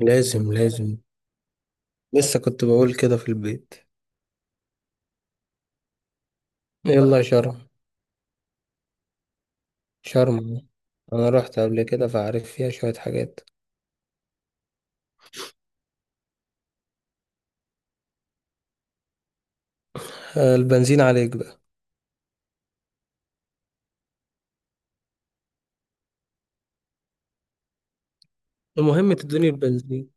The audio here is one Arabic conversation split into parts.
لازم لازم. لسه كنت بقول كده في البيت. يلا شرم. شرم، انا رحت قبل كده فعارف فيها شوية حاجات. البنزين عليك بقى. المهم تدوني البنزين.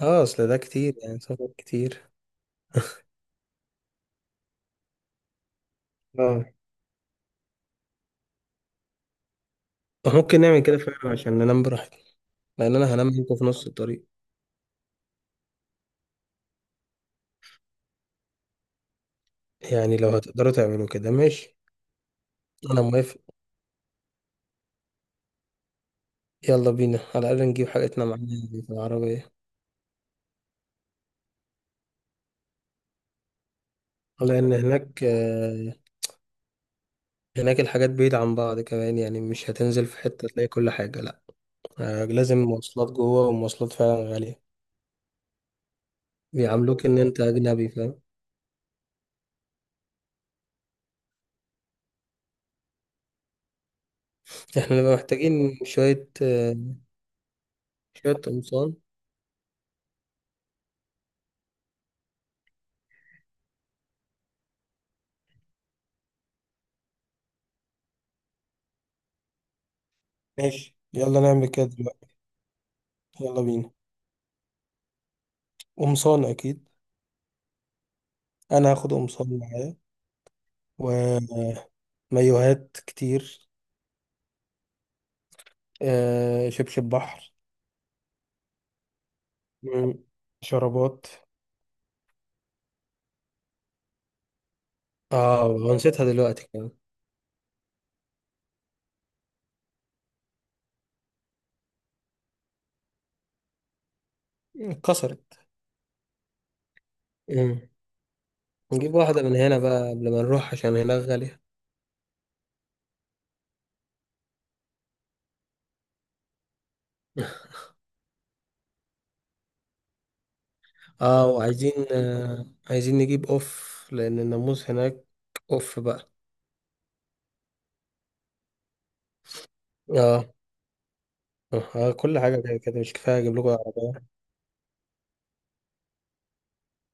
اه اصل ده كتير، يعني سفر كتير. اه ممكن نعمل كده فعلا عشان ننام براحتنا، لان انا هنام منكم في نص الطريق. يعني لو هتقدروا تعملوا كده ماشي. انا موافق. يلا بينا على الاقل نجيب حاجتنا معانا يعني في العربية. لان هناك هناك الحاجات بعيدة عن بعض كمان، يعني مش هتنزل في حتة تلاقي كل حاجة. لازم مواصلات جوه ومواصلات فعلا غالية. بيعاملوك إن أنت أجنبي، فاهم. إحنا نبقى محتاجين شوية شوية قمصان. ماشي، يلا نعمل كده دلوقتي. يلا بينا. قمصان اكيد. انا هاخد قمصان معايا. ومايوهات كتير. شبشب بحر. مم. شرابات. نسيتها دلوقتي كمان. اتكسرت. مم. نجيب واحدة من هنا بقى قبل ما نروح عشان هناك غالية. اه وعايزين عايزين نجيب اوف، لان الناموس هناك. اوف بقى. اه. كل حاجة كده كده مش كفاية، اجيب لكم عربية.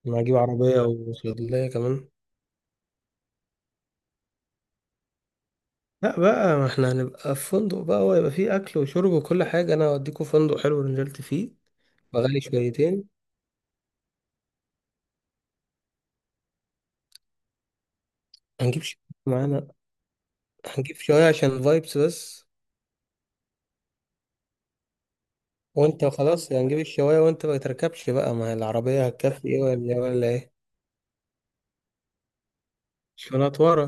انا هجيب عربية وصيدلية كمان. لا بقى، ما احنا هنبقى في فندق بقى، ويبقى فيه اكل وشرب وكل حاجة. انا هوديكوا فندق حلو نزلت فيه، بغالي شويتين. هنجيب شوية معانا. هنجيب شوية عشان فايبس بس. وانت خلاص يعني هنجيب الشواية وانت ما تركبش بقى، ما هي العربية هتكفي ايه، ولا إيه ولا ايه؟ شنط ورا.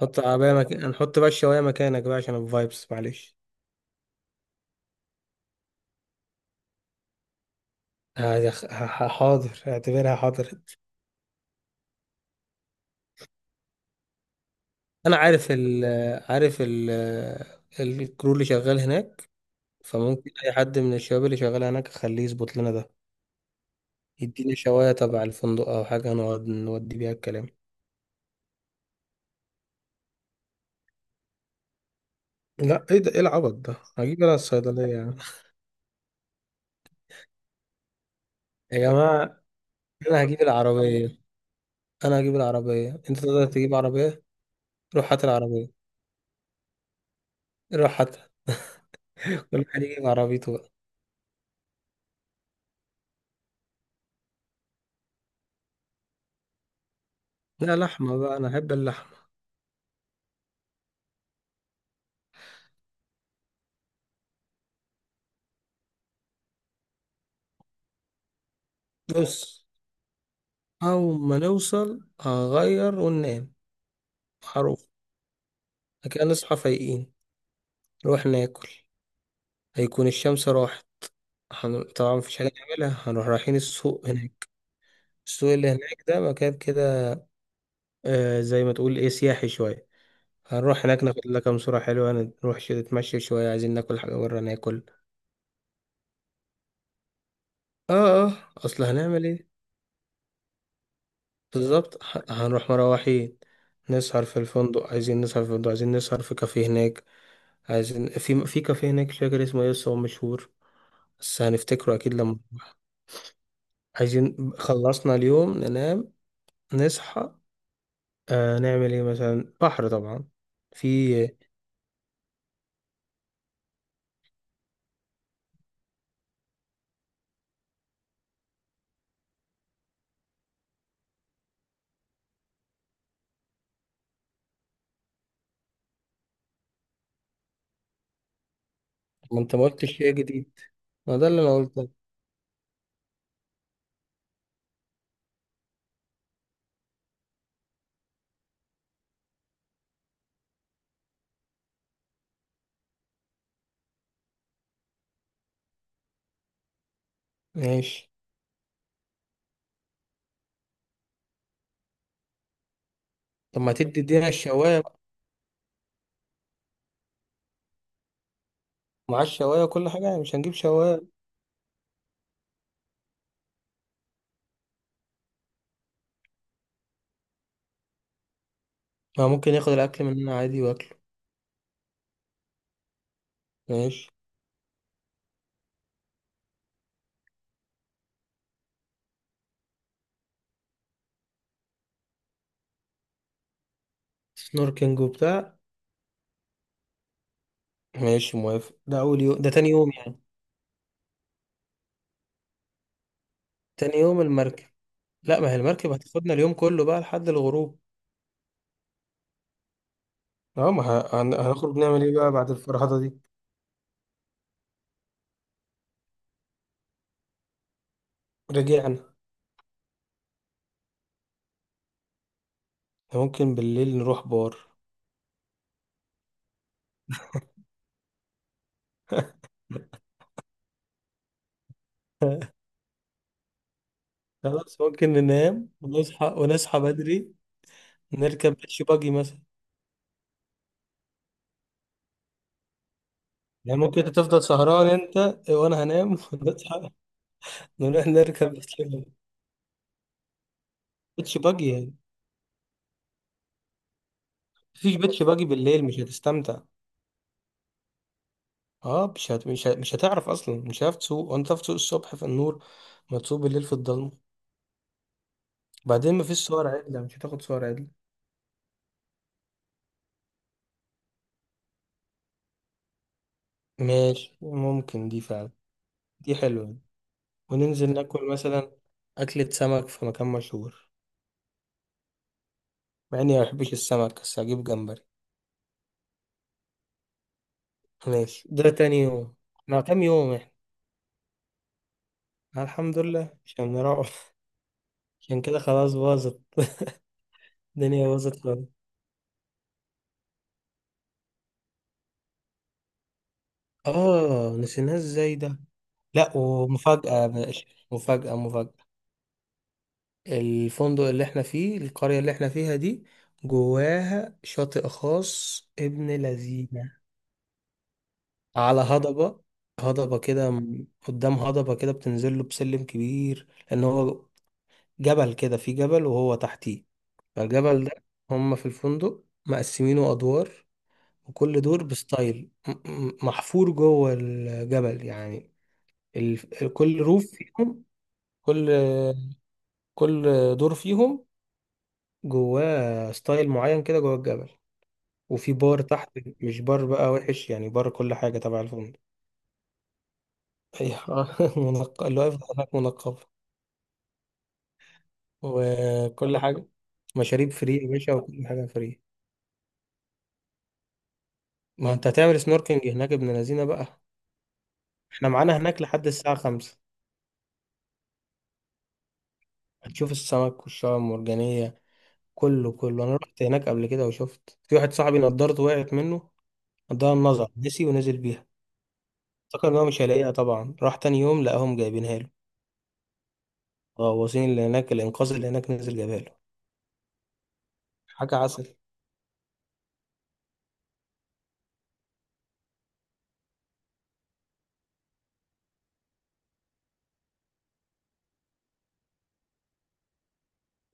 حط عباية نحط بقى الشواية مكانك بقى عشان الفايبس، معلش. حاضر، اعتبرها حاضرت. انا عارف الكرو اللي شغال هناك، فممكن اي حد من الشباب اللي شغال هناك اخليه يظبط لنا ده، يديني شواية تبع الفندق او حاجة نقعد نودي بيها الكلام. لا، ايه ده، ايه العبط ده، هجيب انا الصيدلية يا عم. يا جماعة، انا هجيب العربية. انا هجيب العربية، انت تقدر تجيب عربية؟ روح هات العربية. روح هات. كل واحد يجيب عربيته بقى. لا، لحمة بقى، أنا أحب اللحمة. بص، أول ما نوصل هغير وننام. هروح. لكن نصحى فايقين، نروح ناكل. هيكون الشمس راحت. طبعا مفيش حاجة نعملها، هنروح رايحين السوق هناك. السوق اللي هناك ده مكان كده، زي ما تقول إيه، سياحي شوية. هنروح هناك ناخد لنا كام صورة حلوة. نروح شوية، نتمشى شوية، عايزين ناكل حاجة برا، ناكل. آه. آه، أصل هنعمل إيه. بالظبط، هنروح مروحين. نسهر في الفندق، عايزين نسهر في الفندق، عايزين نسهر في كافيه هناك. عايزين في كافيه هناك، مش فاكر اسمه ايه بس هو مشهور. بس هنفتكره اكيد لما نروح. عايزين خلصنا اليوم ننام. نصحى. نعمل ايه مثلا، بحر طبعا. في. ما انت ما قلتش شيء جديد. ما ده اللي انا قلته. ماشي. طب ما ادينا الشوايه بقى. مع الشوايه وكل حاجه، يعني مش هنجيب شوايه؟ ما ممكن ياخد الاكل مننا عادي واكله. ماشي. سنوركينج وبتاع. ماشي موافق. ده اول يوم، ده تاني يوم يعني. تاني يوم المركب. لا، ما هي المركب هتاخدنا اليوم كله بقى لحد الغروب. اه، ما هنخرج نعمل ايه بقى بعد الفرهدة دي. رجعنا. ممكن بالليل نروح بار. خلاص، ممكن ننام ونصحى بدري. نركب بيتش باجي مثلا. يعني ممكن انت تفضل سهران انت، وانا هنام ونصحى، نروح نركب بيتش باجي. بيتش باجي يعني. مفيش بيتش باجي بالليل، مش هتستمتع. اه، مش هتعرف اصلا، مش هتعرف تسوق، وانت تعرف تسوق الصبح في النور. ما تسوق بالليل في الضلمه. بعدين مفيش صور عدله، مش هتاخد صور عدله. ماشي، ممكن دي فعلا. دي حلوه. وننزل ناكل مثلا أكلة سمك في مكان مشهور. مع إني ما بحبش السمك بس هجيب جمبري. ماشي، ده تاني يوم. مع كام يوم إحنا؟ الحمد لله عشان نروح. عشان كده خلاص باظت. الدنيا باظت خالص. آه، نسيناه إزاي ده. لأ، ومفاجأة يا باشا. مفاجأة مفاجأة. الفندق اللي إحنا فيه، القرية اللي إحنا فيها دي، جواها شاطئ خاص ابن لذينة. على هضبة. هضبة كده، قدام هضبة كده بتنزل له بسلم كبير، لأن هو جبل كده، في جبل وهو تحتيه. فالجبل ده، هما في الفندق مقسمينه أدوار. وكل دور بستايل محفور جوه الجبل يعني. ال... كل روف فيهم. كل كل دور فيهم، جواه ستايل معين كده جوه الجبل. وفي بار تحت، مش بار بقى وحش يعني، بار كل حاجة تبع الفندق. ايوه. منقب اللي واقف هناك منقب، وكل حاجة. مشاريب فري يا باشا، وكل حاجة فري. ما انت هتعمل سنوركينج هناك ابن لذينه بقى. احنا معانا هناك لحد الساعة 5. هتشوف السمك والشعاب المرجانية. كله كله، انا رحت هناك قبل كده وشفت في واحد صاحبي نضارته وقعت منه، نضارة النظر، نسي ونزل بيها. افتكر ان هو مش هيلاقيها، طبعا راح تاني يوم لقاهم جايبينها له. غواصين اللي هناك، الانقاذ اللي هناك، نزل جابها له. حاجة عسل.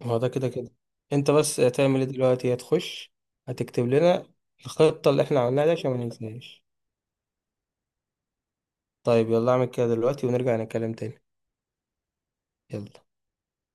هو ده كده كده. انت بس هتعمل ايه دلوقتي، هتخش هتكتب لنا الخطة اللي احنا عملناها دي عشان ما ننساهاش؟ طيب، يلا اعمل كده دلوقتي ونرجع نتكلم تاني. يلا.